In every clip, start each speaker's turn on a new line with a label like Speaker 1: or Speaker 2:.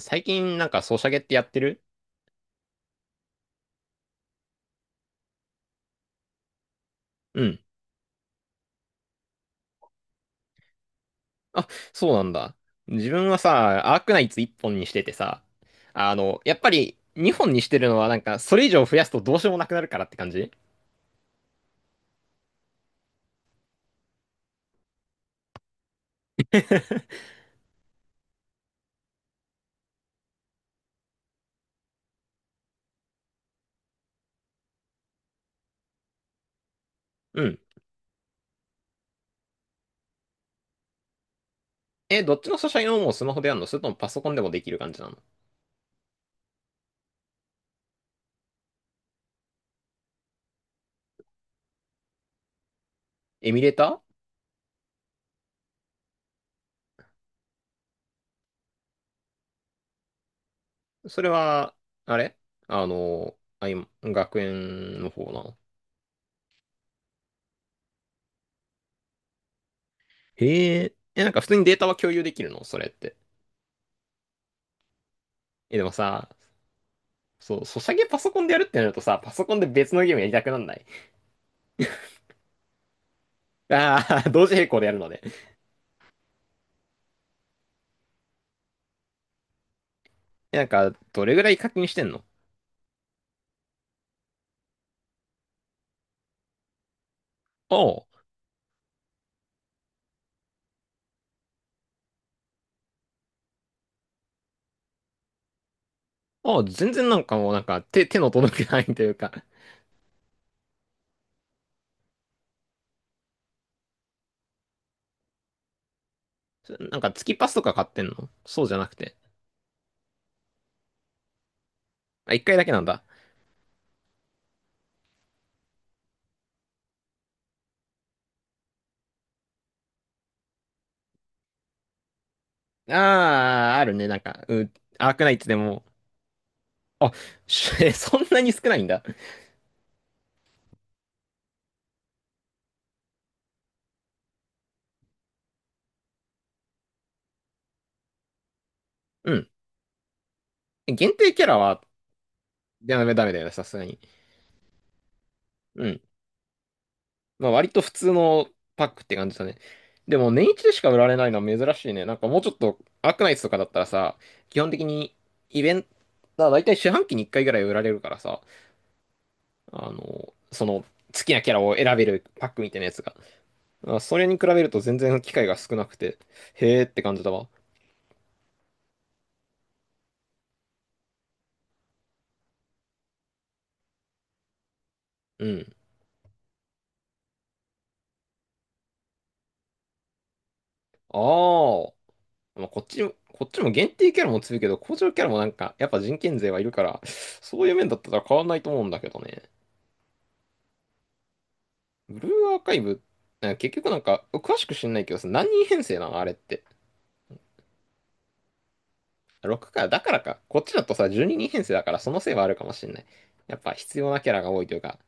Speaker 1: 最近なんかソシャゲってやってる？うん。あ、そうなんだ。自分はさ、アークナイツ1本にしててさ、やっぱり2本にしてるのはなんかそれ以上増やすとどうしようもなくなるからって感じ。うん。え、どっちのソシャゲのもうスマホでやるのそれともパソコンでもできる感じなの？エミュレーター。それは、あれ、あの、あ、今、学園の方なの？へえ。え、なんか普通にデータは共有できるのそれって？え、でもさ、そう、ソシャゲパソコンでやるってなるとさ、パソコンで別のゲームやりたくなんない？ああ、同時並行でやるので。え、なんか、どれぐらい課金してんの？ああ、ああ、全然なんか、もうなんか、手の届くないというか、なんか月パスとか買ってんの？そうじゃなくて。あ、一回だけなんだ。ああ、あるね。なんか、うん、アークナイツでも。あ、そんなに少ないんだ。うん。限定キャラは、ダメだよねさすがに。うん。まあ割と普通のパックって感じだね。でも年一でしか売られないのは珍しいね。なんかもうちょっとアークナイツとかだったらさ、基本的にイベント、だいたい四半期に1回ぐらい売られるからさ、その好きなキャラを選べるパックみたいなやつが。あ、それに比べると全然機会が少なくて、へーって感じだわ。うん。あーまあ、こっちも限定キャラも強いけど、工場キャラもなんか、やっぱ人権税はいるから、そういう面だったら変わんないと思うんだけどね。ブルーアーカイブ、なんか結局なんか、詳しく知んないけどさ、何人編成なのあれって？6か、だからか。こっちだとさ、12人編成だから、そのせいはあるかもしんない。やっぱ必要なキャラが多いというか。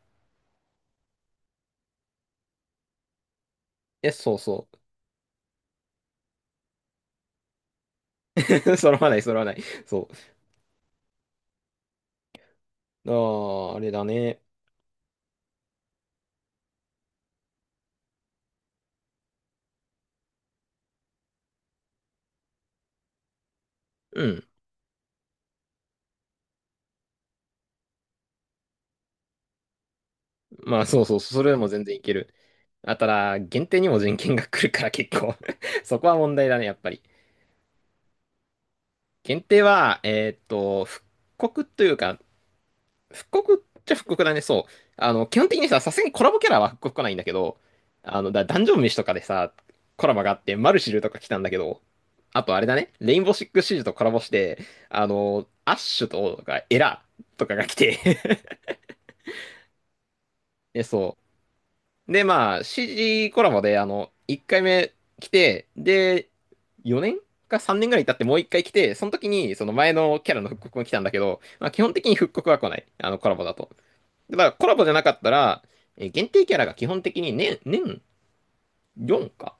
Speaker 1: え、そうそう。揃わない、揃わない。そう。ああ、あれだね。うん。まあ、そうそう、それでも全然いける。あ、ただ、限定にも人権が来るから結構 そこは問題だね、やっぱり。限定は、復刻というか、復刻っちゃ復刻だね、そう。基本的にさ、さすがにコラボキャラは復刻来ないんだけど、ダンジョン飯とかでさ、コラボがあって、マルシルとか来たんだけど、あとあれだね、レインボーシックスシージとコラボして、アッシュとか、エラとかが来て で、そう。で、まあ、CG コラボで、1回目来て、で、4年か3年ぐらい経ってもう1回来て、その時に、その前のキャラの復刻も来たんだけど、まあ、基本的に復刻は来ない。コラボだと。だからコラボじゃなかったら、限定キャラが基本的に年4か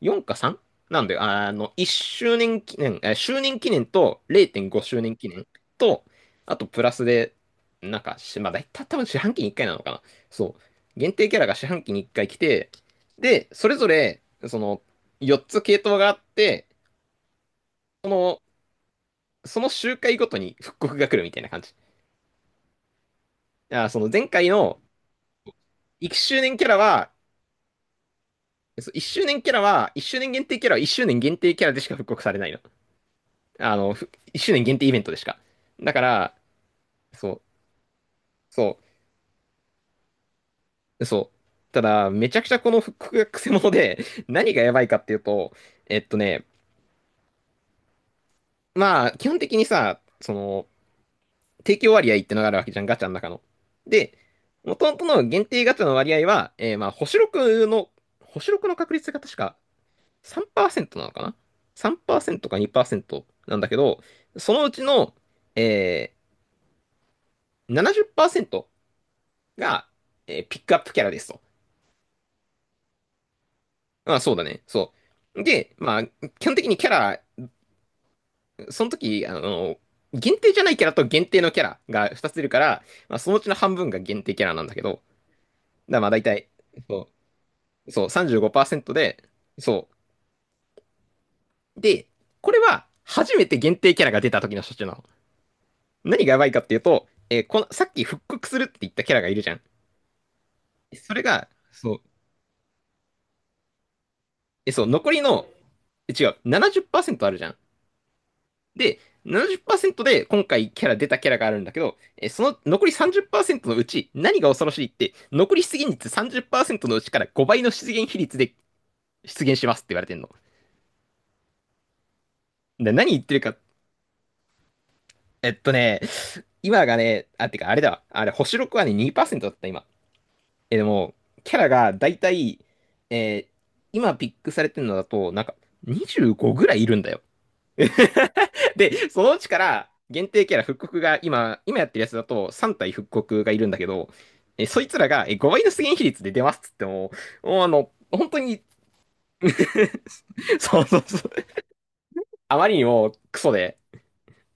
Speaker 1: ?4 か 3? なんで、1周年記念、周年記念と0.5周年記念と、あとプラスで、なんか、まあ、大体多分四半期に1回なのかな。そう。限定キャラが四半期に1回来て、で、それぞれ、その、4つ系統があって、その、その周回ごとに復刻が来るみたいな感じ。あ、その前回の1周年キャラは、そう、1周年限定キャラは1周年限定キャラでしか復刻されないの。1周年限定イベントでしか。だから、そう、そう、そう。ただ、めちゃくちゃこの 復刻がクセモノで、何がやばいかっていうと、えっとね、まあ、基本的にさ、その、提供割合ってのがあるわけじゃん、ガチャの中の。で、元々の限定ガチャの割合は、まあ、星6の確率が確か3%なのかな ?3% か2%なんだけど、そのうちの、えー、70%が、ピックアップキャラですと。まあそうだね、そう。で、まあ、基本的にキャラ、その時、限定じゃないキャラと限定のキャラが2つ出るから、まあそのうちの半分が限定キャラなんだけど、だからまあ大体、そう、そう、35%で、そう。で、これは初めて限定キャラが出た時の処置なの。何がやばいかっていうと、この、さっき復刻するって言ったキャラがいるじゃん。それが、そう、え、そう、残りの、え、違う、70%あるじゃん。で、70%で今回キャラ出たキャラがあるんだけど、その残り30%のうち何が恐ろしいって、残り出現率30%のうちから5倍の出現比率で出現しますって言われてんの。で、何言ってるか、えっとね、今がね、あ、てかあれだわ。あれ、星6はね、2%だった今。え、でも、キャラがだいたい、えー今ピックされてるのだと、なんか25ぐらいいるんだよ。で、そのうちから限定キャラ復刻が今やってるやつだと3体復刻がいるんだけど、そいつらが5倍の出現比率で出ますっつっても、もうあの、本当に、そうそうそう、あまりにもクソで、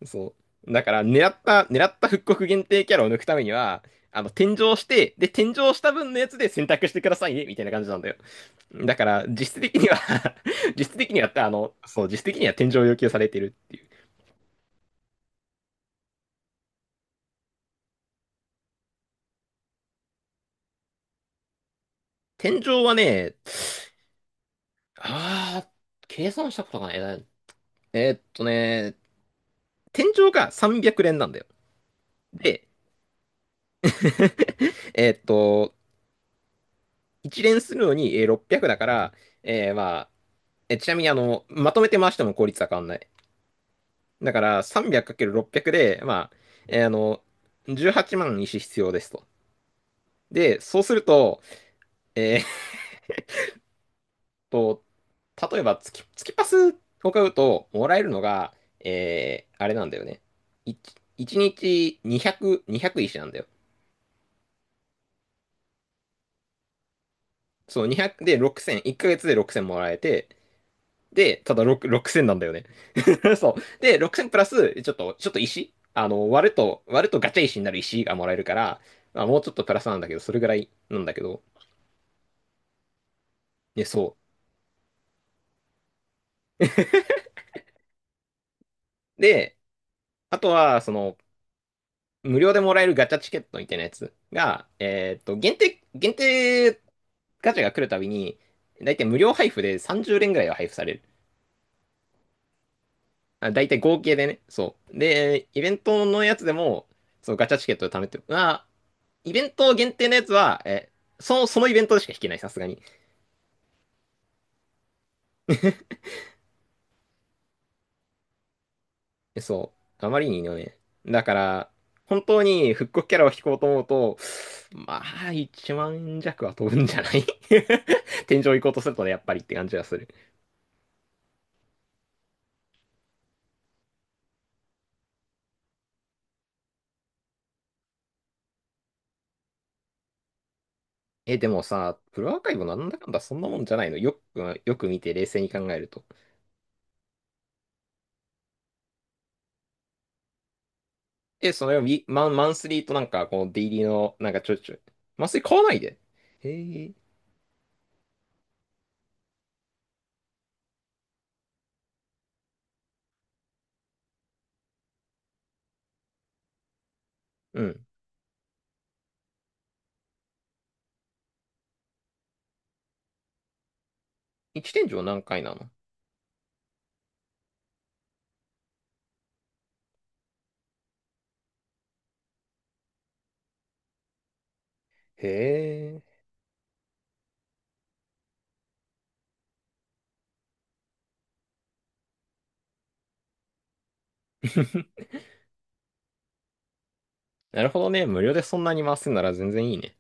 Speaker 1: そう。だから狙った復刻限定キャラを抜くためには、転生して、で、転生した分のやつで選択してくださいね、みたいな感じなんだよ。だから、実質的には 実質的には、そう、実質的には天井を要求されてるっていう。天井はね、あー計算したことがないな。えーっとね、天井が300連なんだよ。で、えーっと、1連するのに600だから、えーまあ、ちなみにまとめて回しても効率は変わんない。だから 300×600 で、まあ、えーあの、18万石必要ですと。で、そうすると、えと、例えば月パスを買うと、もらえるのが、あれなんだよね。1、一日200、2石なんだよ。そう、200で6000、1ヶ月で6000もらえて、で、ただ6、6000なんだよね。そう。で、6000プラス、ちょっと石、割るとガチャ石になる石がもらえるから、まあ、もうちょっとプラスなんだけど、それぐらいなんだけど。で、そう。で、あとは、その、無料でもらえるガチャチケットみたいなやつが、限定ガチャが来るたびに、大体無料配布で30連ぐらいは配布される。あ、大体合計でね、そう。で、イベントのやつでも、そう、ガチャチケットで貯めて、まあ、イベント限定のやつは、え、その、そのイベントでしか引けない、さすがに。そう。あまりにいいのね。だから、本当に復刻キャラを引こうと思うと、まあ、一万弱は飛ぶんじゃない？ 天井行こうとするとね、やっぱりって感じがする。え、でもさ、プロアーカイブなんだかんだそんなもんじゃないの？よく見て冷静に考えると。え、そのウィマン、マンスリーとなんか、このデイリーの、なんかちょいちょい。マンスリー買わないで。へえ。うん。一天井何回なの？へえ。なるほどね。無料でそんなに回すんなら全然いいね。